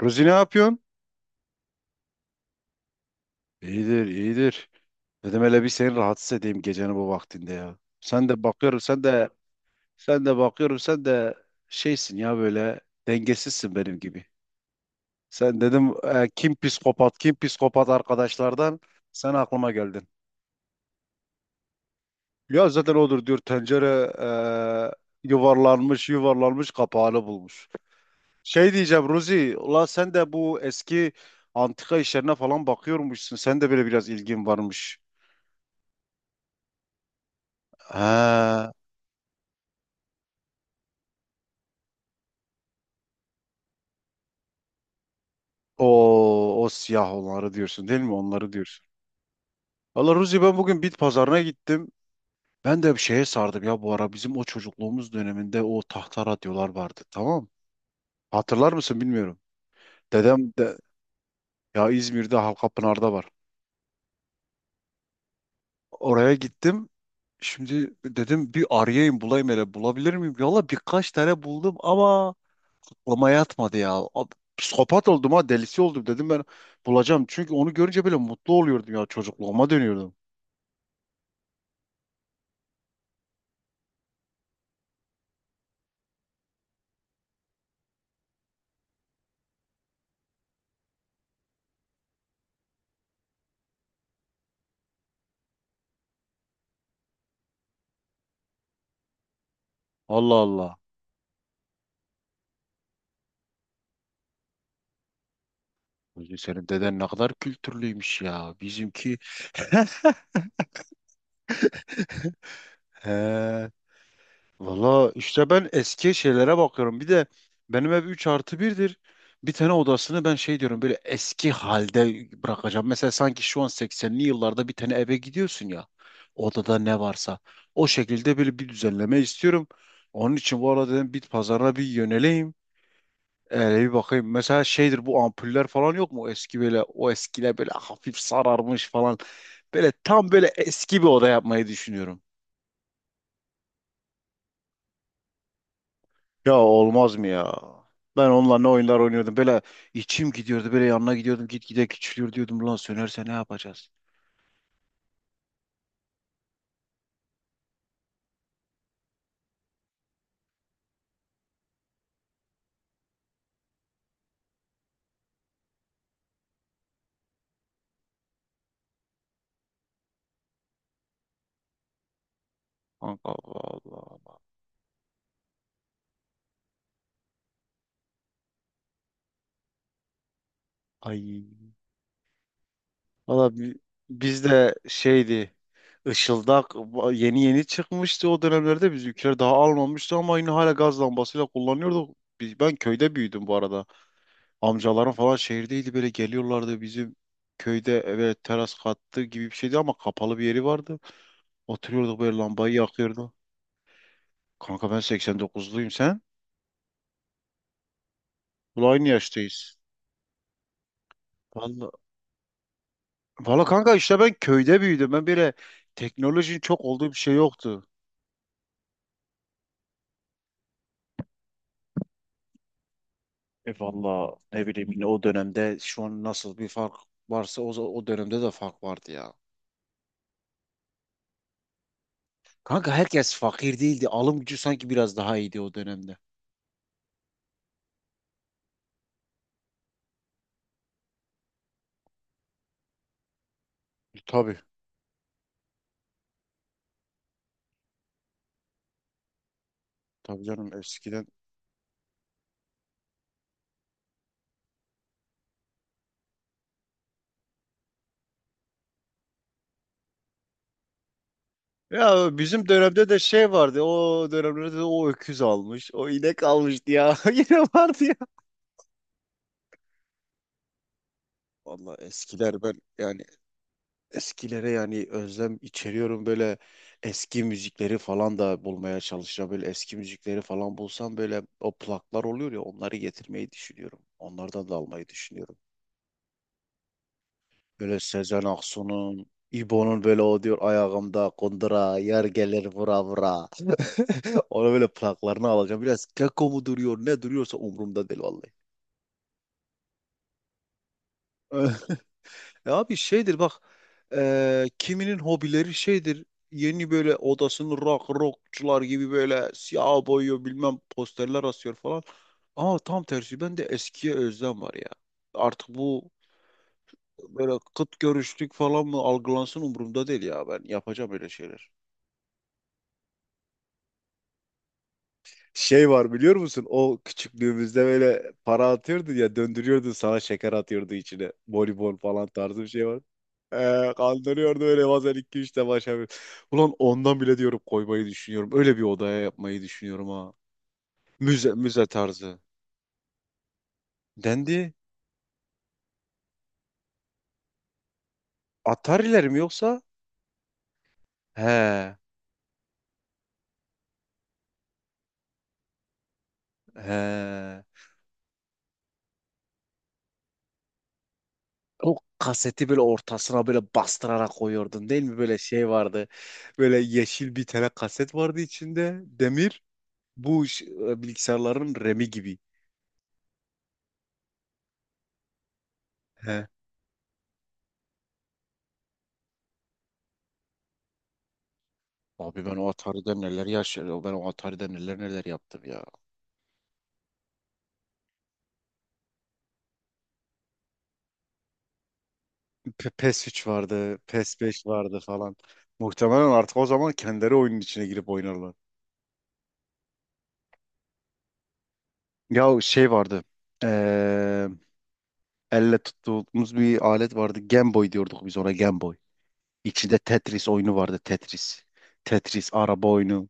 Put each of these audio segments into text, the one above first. Ruzi ne yapıyorsun? İyidir, iyidir. Dedim hele bir seni rahatsız edeyim gecenin bu vaktinde ya. Sen de bakıyorum, sen de şeysin ya, böyle dengesizsin benim gibi. Sen dedim kim psikopat, kim psikopat arkadaşlardan sen aklıma geldin. Ya zaten odur diyor tencere, yuvarlanmış kapağını bulmuş. Şey diyeceğim Ruzi, ula sen de bu eski antika işlerine falan bakıyormuşsun. Sen de böyle biraz ilgin varmış. He. O siyah olanları diyorsun değil mi? Onları diyorsun. Valla Ruzi ben bugün bit pazarına gittim. Ben de bir şeye sardım ya bu ara. Bizim o çocukluğumuz döneminde o tahta radyolar vardı, tamam. Hatırlar mısın, bilmiyorum. Dedem de. Ya İzmir'de Halkapınar'da var. Oraya gittim. Şimdi dedim bir arayayım bulayım, hele bulabilir miyim? Valla birkaç tane buldum ama aklıma yatmadı ya. Psikopat oldum ha, delisi oldum dedim, ben bulacağım. Çünkü onu görünce böyle mutlu oluyordum ya, çocukluğuma dönüyordum. Allah Allah. Ulan senin deden ne kadar kültürlüymüş ya. Bizimki. He. Valla işte ben eski şeylere bakıyorum. Bir de benim ev 3 artı birdir. Bir tane odasını ben şey diyorum, böyle eski halde bırakacağım. Mesela sanki şu an 80'li yıllarda bir tane eve gidiyorsun ya. Odada ne varsa. O şekilde böyle bir düzenleme istiyorum. Onun için bu arada dedim bit pazarına bir yöneleyim. Öyle bir bakayım. Mesela şeydir, bu ampuller falan yok mu? Eski böyle, o eskiler böyle hafif sararmış falan. Böyle tam böyle eski bir oda yapmayı düşünüyorum. Ya olmaz mı ya? Ben onunla ne oyunlar oynuyordum. Böyle içim gidiyordu. Böyle yanına gidiyordum. Gitgide küçülüyor diyordum. Lan, sönerse ne yapacağız? Kanka, Allah Allah. Ay. Valla biz de şeydi. Işıldak yeni yeni çıkmıştı o dönemlerde. Bizimkiler daha almamıştı ama yine hala gaz lambasıyla kullanıyorduk. Ben köyde büyüdüm bu arada. Amcalarım falan şehirdeydi, böyle geliyorlardı, bizim köyde eve teras kattı gibi bir şeydi ama kapalı bir yeri vardı. Oturuyorduk, böyle lambayı yakıyordu. Kanka ben 89'luyum, sen? Bu, aynı yaştayız. Vallahi, vallahi kanka, işte ben köyde büyüdüm. Ben böyle teknolojinin çok olduğu bir şey yoktu. E valla ne bileyim, yine o dönemde şu an nasıl bir fark varsa, o dönemde de fark vardı ya. Kanka herkes fakir değildi. Alım gücü sanki biraz daha iyiydi o dönemde. Tabii. Tabii canım, eskiden. Ya bizim dönemde de şey vardı. O dönemlerde de o öküz almış, o inek almıştı ya. Yine vardı ya. Valla eskiler, ben yani eskilere yani özlem içeriyorum, böyle eski müzikleri falan da bulmaya çalışacağım. Böyle eski müzikleri falan bulsam, böyle o plaklar oluyor ya, onları getirmeyi düşünüyorum. Onlardan da almayı düşünüyorum. Böyle Sezen Aksu'nun, İbo'nun, böyle o diyor, ayağımda kundura, yer gelir vura vura. Ona böyle plaklarını alacağım. Biraz keko mu duruyor ne duruyorsa umurumda değil vallahi. Ya abi şeydir bak, kiminin hobileri şeydir, yeni böyle odasını rockçular gibi böyle siyah boyuyor, bilmem posterler asıyor falan. Ama tam tersi bende eskiye özlem var ya. Artık bu böyle kıt görüşlük falan mı algılansın, umurumda değil ya, ben yapacağım öyle şeyler. Şey var biliyor musun? O küçüklüğümüzde böyle para atıyordu ya, döndürüyordu, sana şeker atıyordu içine. Bonibon falan tarzı bir şey var. Kandırıyordu öyle, bazen 2-3 de başa bir. Ulan ondan bile diyorum, koymayı düşünüyorum. Öyle bir odaya yapmayı düşünüyorum ha. Müze tarzı. Dendi. Atari'ler mi yoksa? He. He. O kaseti böyle ortasına böyle bastırarak koyuyordun değil mi? Böyle şey vardı. Böyle yeşil bir tane kaset vardı içinde. Demir. Bu bilgisayarların Remi gibi. He. Abi ben o Atari'de neler yaşadım. Ben o Atari'de neler neler yaptım ya. PES 3 vardı, PES 5 vardı falan. Muhtemelen artık o zaman kendileri oyunun içine girip oynarlar. Ya şey vardı, eee, elle tuttuğumuz bir alet vardı. Game Boy diyorduk biz ona, Game Boy. İçinde Tetris oyunu vardı, Tetris. Tetris, araba oyunu.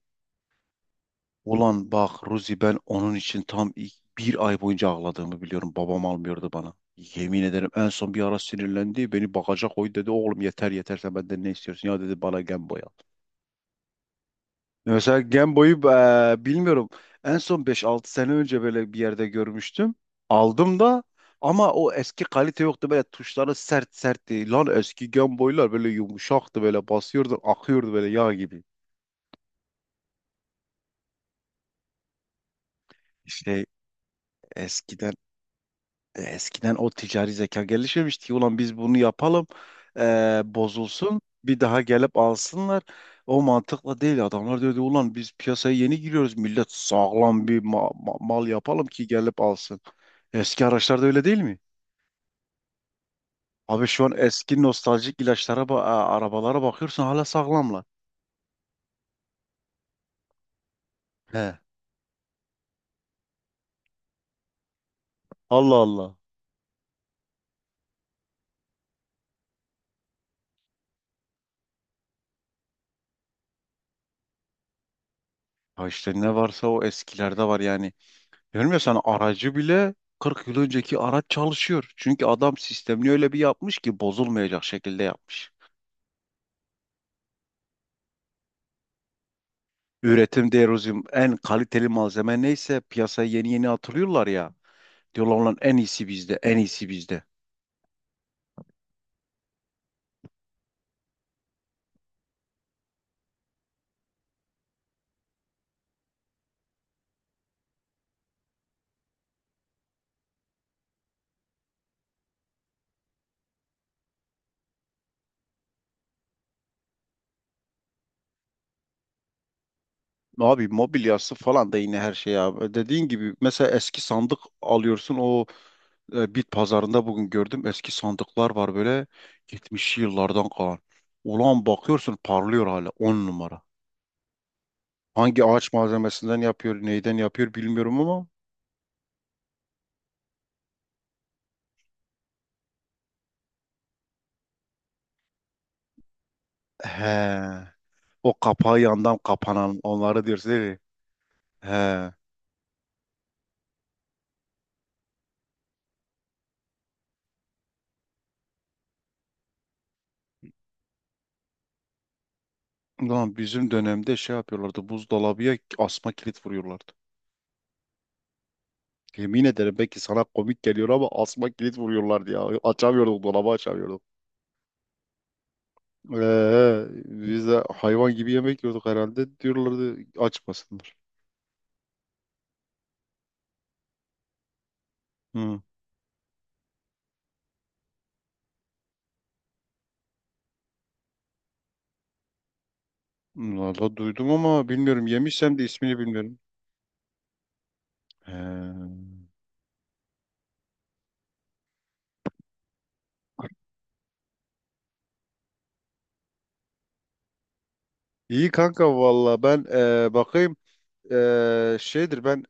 Ulan bak Ruzi, ben onun için tam ilk bir ay boyunca ağladığımı biliyorum. Babam almıyordu bana. Yemin ederim en son bir ara sinirlendi. Beni bagaja koy dedi. Oğlum yeter yeter, sen benden ne istiyorsun ya, dedi bana, Game Boy al. Mesela Game Boy'u bilmiyorum. En son beş altı sene önce böyle bir yerde görmüştüm. Aldım da, ama o eski kalite yoktu. Böyle tuşları sert sertti. Lan eski Game Boy'lar böyle yumuşaktı. Böyle basıyordu, akıyordu, böyle yağ gibi. İşte eskiden eskiden o ticari zeka gelişmemişti ki, ulan biz bunu yapalım, bozulsun, bir daha gelip alsınlar. O mantıkla değil, adamlar diyordu, ulan biz piyasaya yeni giriyoruz, millet sağlam bir mal yapalım ki gelip alsın. Eski araçlarda öyle değil mi? Abi şu an eski nostaljik ilaçlara arabalara bakıyorsun, hala sağlamlar. He. Allah Allah. Ha işte, ne varsa o eskilerde var yani. Diyorum ya sana, aracı bile 40 yıl önceki araç çalışıyor. Çünkü adam sistemini öyle bir yapmış ki, bozulmayacak şekilde yapmış. Üretim derozim, en kaliteli malzeme neyse piyasaya yeni yeni atılıyorlar ya. Diyorlar lan, en iyisi bizde, en iyisi bizde. Abi mobilyası falan da yine, her şey abi. Dediğin gibi mesela eski sandık alıyorsun, o bit pazarında bugün gördüm, eski sandıklar var böyle, 70'li yıllardan kalan. Ulan bakıyorsun parlıyor hala, 10 numara. Hangi ağaç malzemesinden yapıyor, neyden yapıyor bilmiyorum ama. He. O kapağı yandan kapanan onları diyorsun değil mi? He. Ulan bizim dönemde şey yapıyorlardı, buzdolabıya asma kilit vuruyorlardı. Yemin ederim belki sana komik geliyor ama asma kilit vuruyorlardı ya. Açamıyorduk dolabı, açamıyorduk. Biz de hayvan gibi yemek yiyorduk herhalde. Diyorlardı açmasınlar. Hı. Valla duydum ama bilmiyorum. Yemişsem de ismini bilmiyorum. He. İyi kanka valla, ben bakayım. Şeydir, ben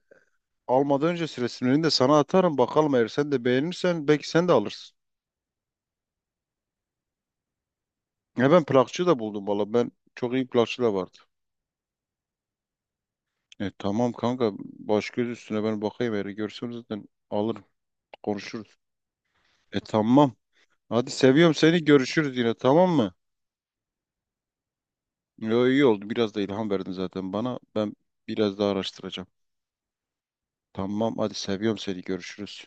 almadan önce resimlerini de sana atarım, bakalım, eğer sen de beğenirsen belki sen de alırsın. Ya ben plakçı da buldum valla, ben çok iyi plakçı da vardı. Tamam kanka, baş göz üstüne, ben bakayım, eğer görsem zaten alırım, konuşuruz. Tamam, hadi seviyorum seni, görüşürüz yine, tamam mı? Yo, iyi oldu, biraz da ilham verdin zaten bana, ben biraz daha araştıracağım. Tamam hadi, seviyorum seni, görüşürüz.